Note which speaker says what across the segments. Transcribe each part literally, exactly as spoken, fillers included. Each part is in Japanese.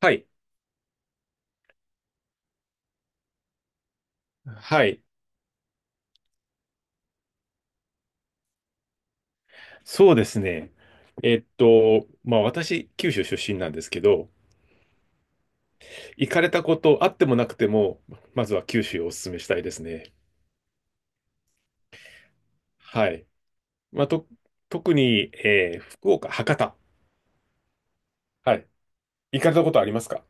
Speaker 1: はい。はい。そうですね。えっと、まあ私、九州出身なんですけど、行かれたことあってもなくても、まずは九州をお勧めしたいですね。はい。まあ、と、特に、えー福岡、博多。はい。行かれたことありますか？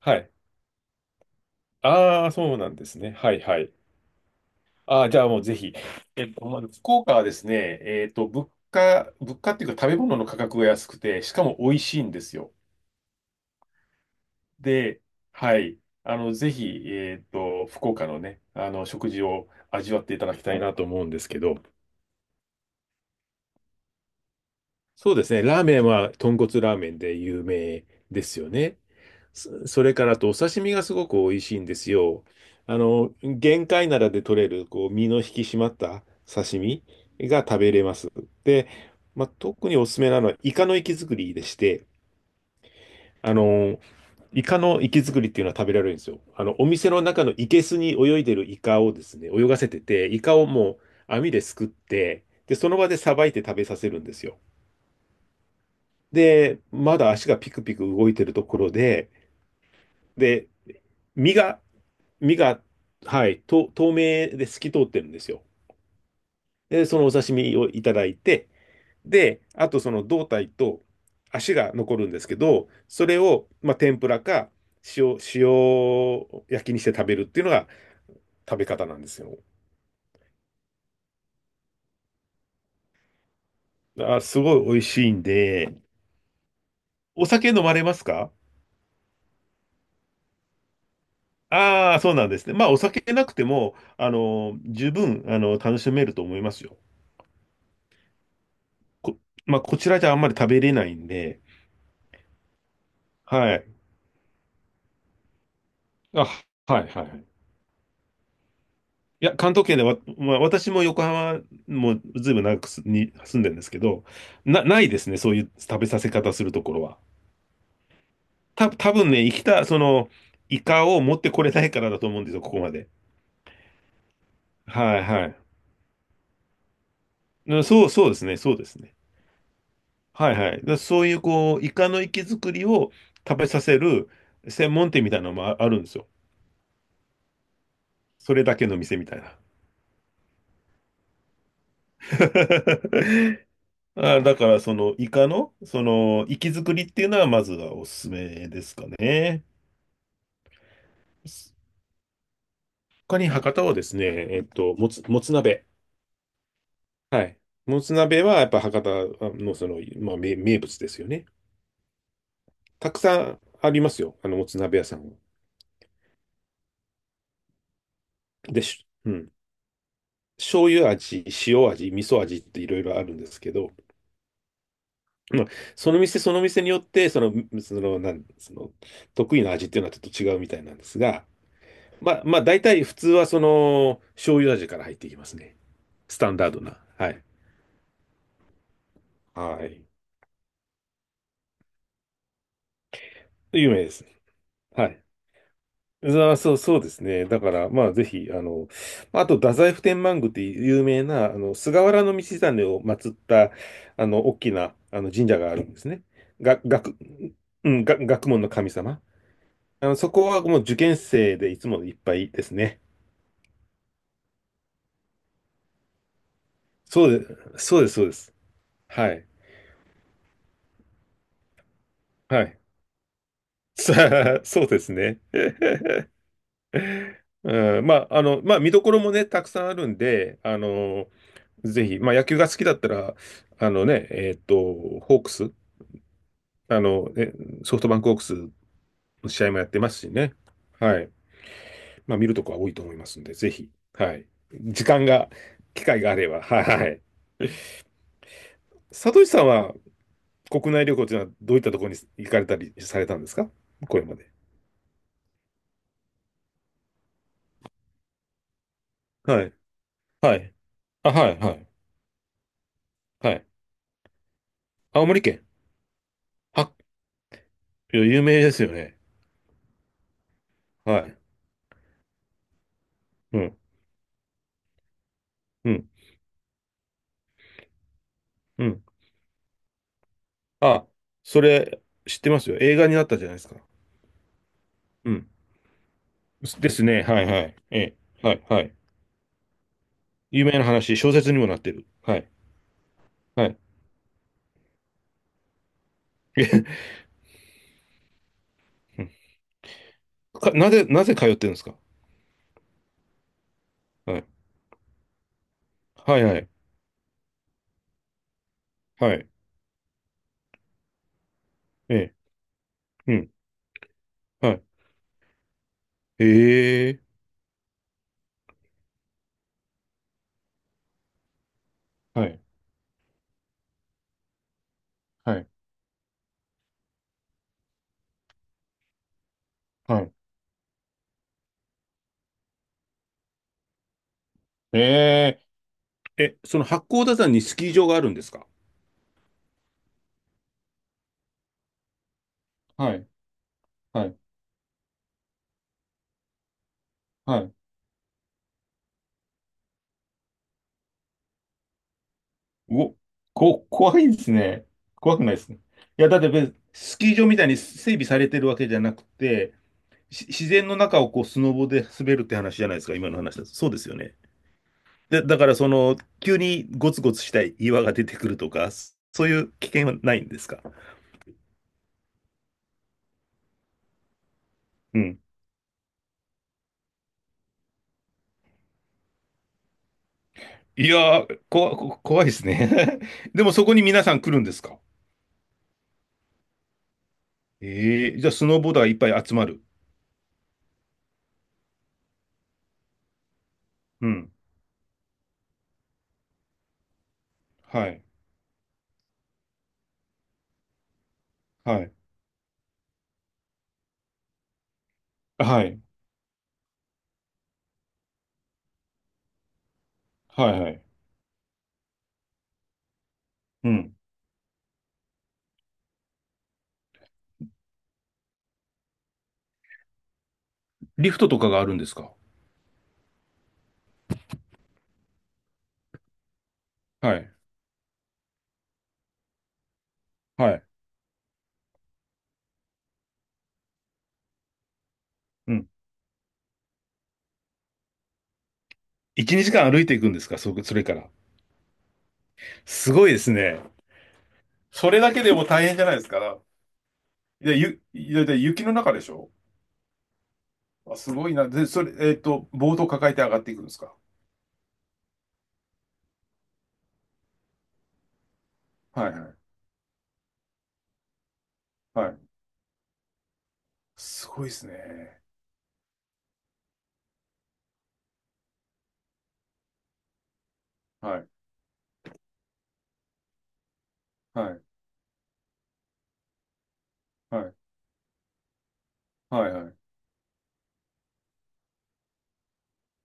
Speaker 1: はい。ああ、そうなんですね。はいはい。ああ、じゃあもうぜひ。えっと、まず福岡はですね、えっと、物価、物価っていうか食べ物の価格が安くて、しかも美味しいんですよ。で、はい。あの、ぜひ、えっと、福岡のね、あの、食事を味わっていただきたいなと思うんですけど、そうですね。ラーメンは豚骨ラーメンで有名ですよね。そそれからあと、お刺身がすごく美味しいんですよ。あの、玄界灘で取れる、こう、身の引き締まった刺身が食べれます。で、まあ、特におすすめなのは、イカの活き造りでして、あの、イカの活き造りっていうのは食べられるんですよ。あの、お店の中の生けすに泳いでるイカをですね、泳がせてて、イカをもう網ですくって、で、その場でさばいて食べさせるんですよ。で、まだ足がピクピク動いてるところで、で、身が、身が、はい、と、透明で透き通ってるんですよ。で、そのお刺身をいただいて、で、あとその胴体と足が残るんですけど、それを、まあ、天ぷらか塩、塩焼きにして食べるっていうのが食べ方なんですよ。あ、すごい美味しいんで、お酒飲まれますか？ああー、そうなんですね。まあ、お酒なくても、あの、十分、あの、楽しめると思いますよ。こ、まあ、こちらじゃあんまり食べれないんで、はい。あ、はい、はい。いや、関東圏でわ、まあ、私も横浜もずいぶん長くすに住んでるんですけど、な、ないですね、そういう食べさせ方するところは。た、多分ね、生きた、その、イカを持ってこれないからだと思うんですよ、ここまで。はいはい。うんそう、そうですね、そうですね。はいはい。だからそういう、こう、イカの活き作りを食べさせる専門店みたいなのもああるんですよ。それだけの店みたいな。あー、だから、その、イカの、その、活き作りっていうのは、まずはおすすめですかね。他に博多はですね、えっと、もつ、もつ鍋。はい。もつ鍋は、やっぱ博多の、その、まあ、名、名物ですよね。たくさんありますよ。あの、もつ鍋屋さんは。で、しうん。醤油味、塩味、味噌味っていろいろあるんですけど、まあ、その店その店によって、その、その、なん、その、得意な味っていうのはちょっと違うみたいなんですが、まあ、まあ、大体普通はその、醤油味から入っていきますね。スタンダードな。はい。はい。有名ですね。はい。あそう、そうですね。だから、まあ、ぜひ、あの、まあと、太宰府天満宮っていう有名な、あの、菅原道真を祀った、あの、大きな、あの、神社があるんですね。が、学、うん、が、学問の神様。あの、そこはもう受験生でいつもいっぱいですね。そうで、そうです、そうです。はい。はい。さあ、そうですね。うん、まあ、あの、まあ、見どころもね、たくさんあるんで、あの、ぜひ、まあ、野球が好きだったら、あのね、えーっと、ホークス、あの、ね、ソフトバンクホークスの試合もやってますしね。はい。まあ、見るとこは多いと思いますんで、ぜひ、はい。時間が、機会があれば、はい、はい。佐藤さんは、国内旅行というのは、どういったところに行かれたりされたんですか？これまで。はい。はい。あ、はい、はい。はい。青森県。あ、いや有名ですよね。はい。うん。うん。うんあ、それ、知ってますよ。映画になったじゃないですか。うん。ですね。はいはい。ええ。はいはい。有名な話、小説にもなってる。はい。はい。えへうんかなぜ、なぜ通ってるんですか？はい。はいはい。はい。ええ。うん。はい。ええ。はい。はい。はい。ええ。え、その八甲田山にスキー場があるんですか？はい。はい。はい。お、こ、怖いですね。怖くないですね。いや、だって別にスキー場みたいに整備されてるわけじゃなくて、し自然の中をこうスノボで滑るって話じゃないですか、今の話だと。そうですよね。で、だからその、急にゴツゴツした岩が出てくるとか、そういう危険はないんですか？うん。いやー、こわこ怖いですね。でもそこに皆さん来るんですか？ええーじゃあスノーボーダーいっぱい集まる。うん。はい。はい。はい。はい。はい。うん。リフトとかがあるんですか？はい。はい。うん。いち、にじかん歩いていくんですか？そ、それから。すごいですね。それだけでも大変じゃないですか。で、ゆ、で、で雪の中でしょ？あ、すごいな。で、それ、えっと、ボードを抱えて上がっていくんですか？はいはい。はい。すごいですね。はい。はい。はい。はい。はい。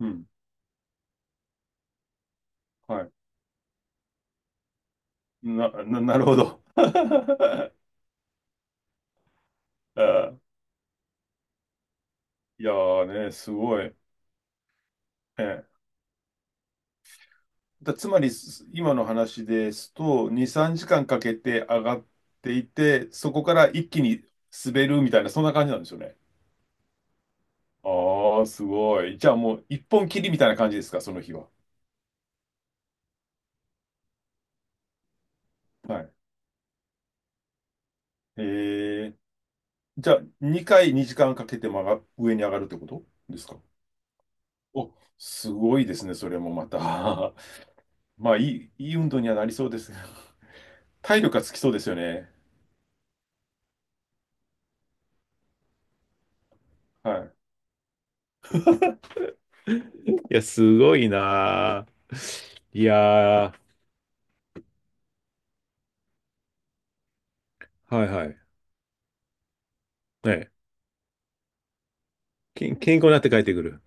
Speaker 1: うん。はい。な、な、なるほど。あーいやーね、すごい。ええだ、つまり、す今の話ですと、に、さんじかんかんかけて上がっていて、そこから一気に滑るみたいな、そんな感じなんですよね。ああ、すごい。じゃあもう、一本切りみたいな感じですか、その日は。はいええじゃあ、にかいにじかんかんかけて曲が、上に上がるってことですか？お、すごいですね、それもまた。まあ、いい、いい運動にはなりそうですけど。体力がつきそうですよね。はい。いや、すごいなあいやー、はいはい。ね、健、健康になって帰ってくる。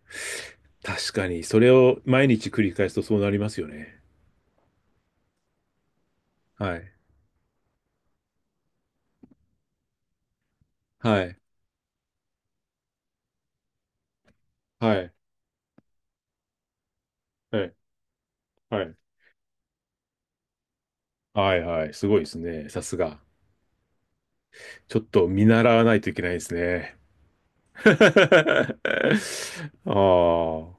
Speaker 1: 確かに、それを毎日繰り返すとそうなりますよね。はい。はい。はい。はい。はい。はいはい。すごいですね。さすが。ちょっと見習わないといけないですね。ああ、は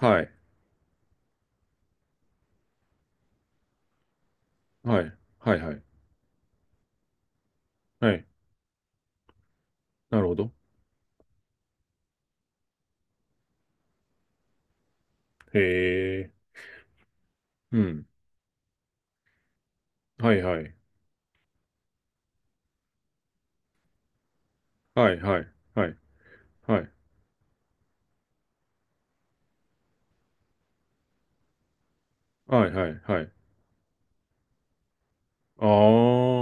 Speaker 1: い、はい、はい、はい、はい、なるほど。へえ、うん、はい、はい、はい、はい、はい、はい、はい、はい、はい、あ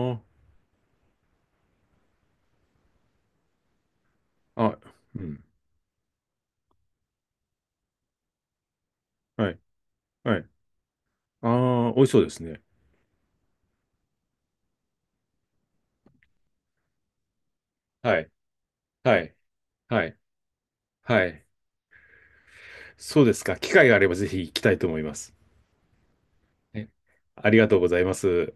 Speaker 1: あ、あ、うん、はい、はい、ああ、美味しそうですね。はい、はい、はい、はい、そうですか。機会があればぜひ行きたいと思います。ねありがとうございます。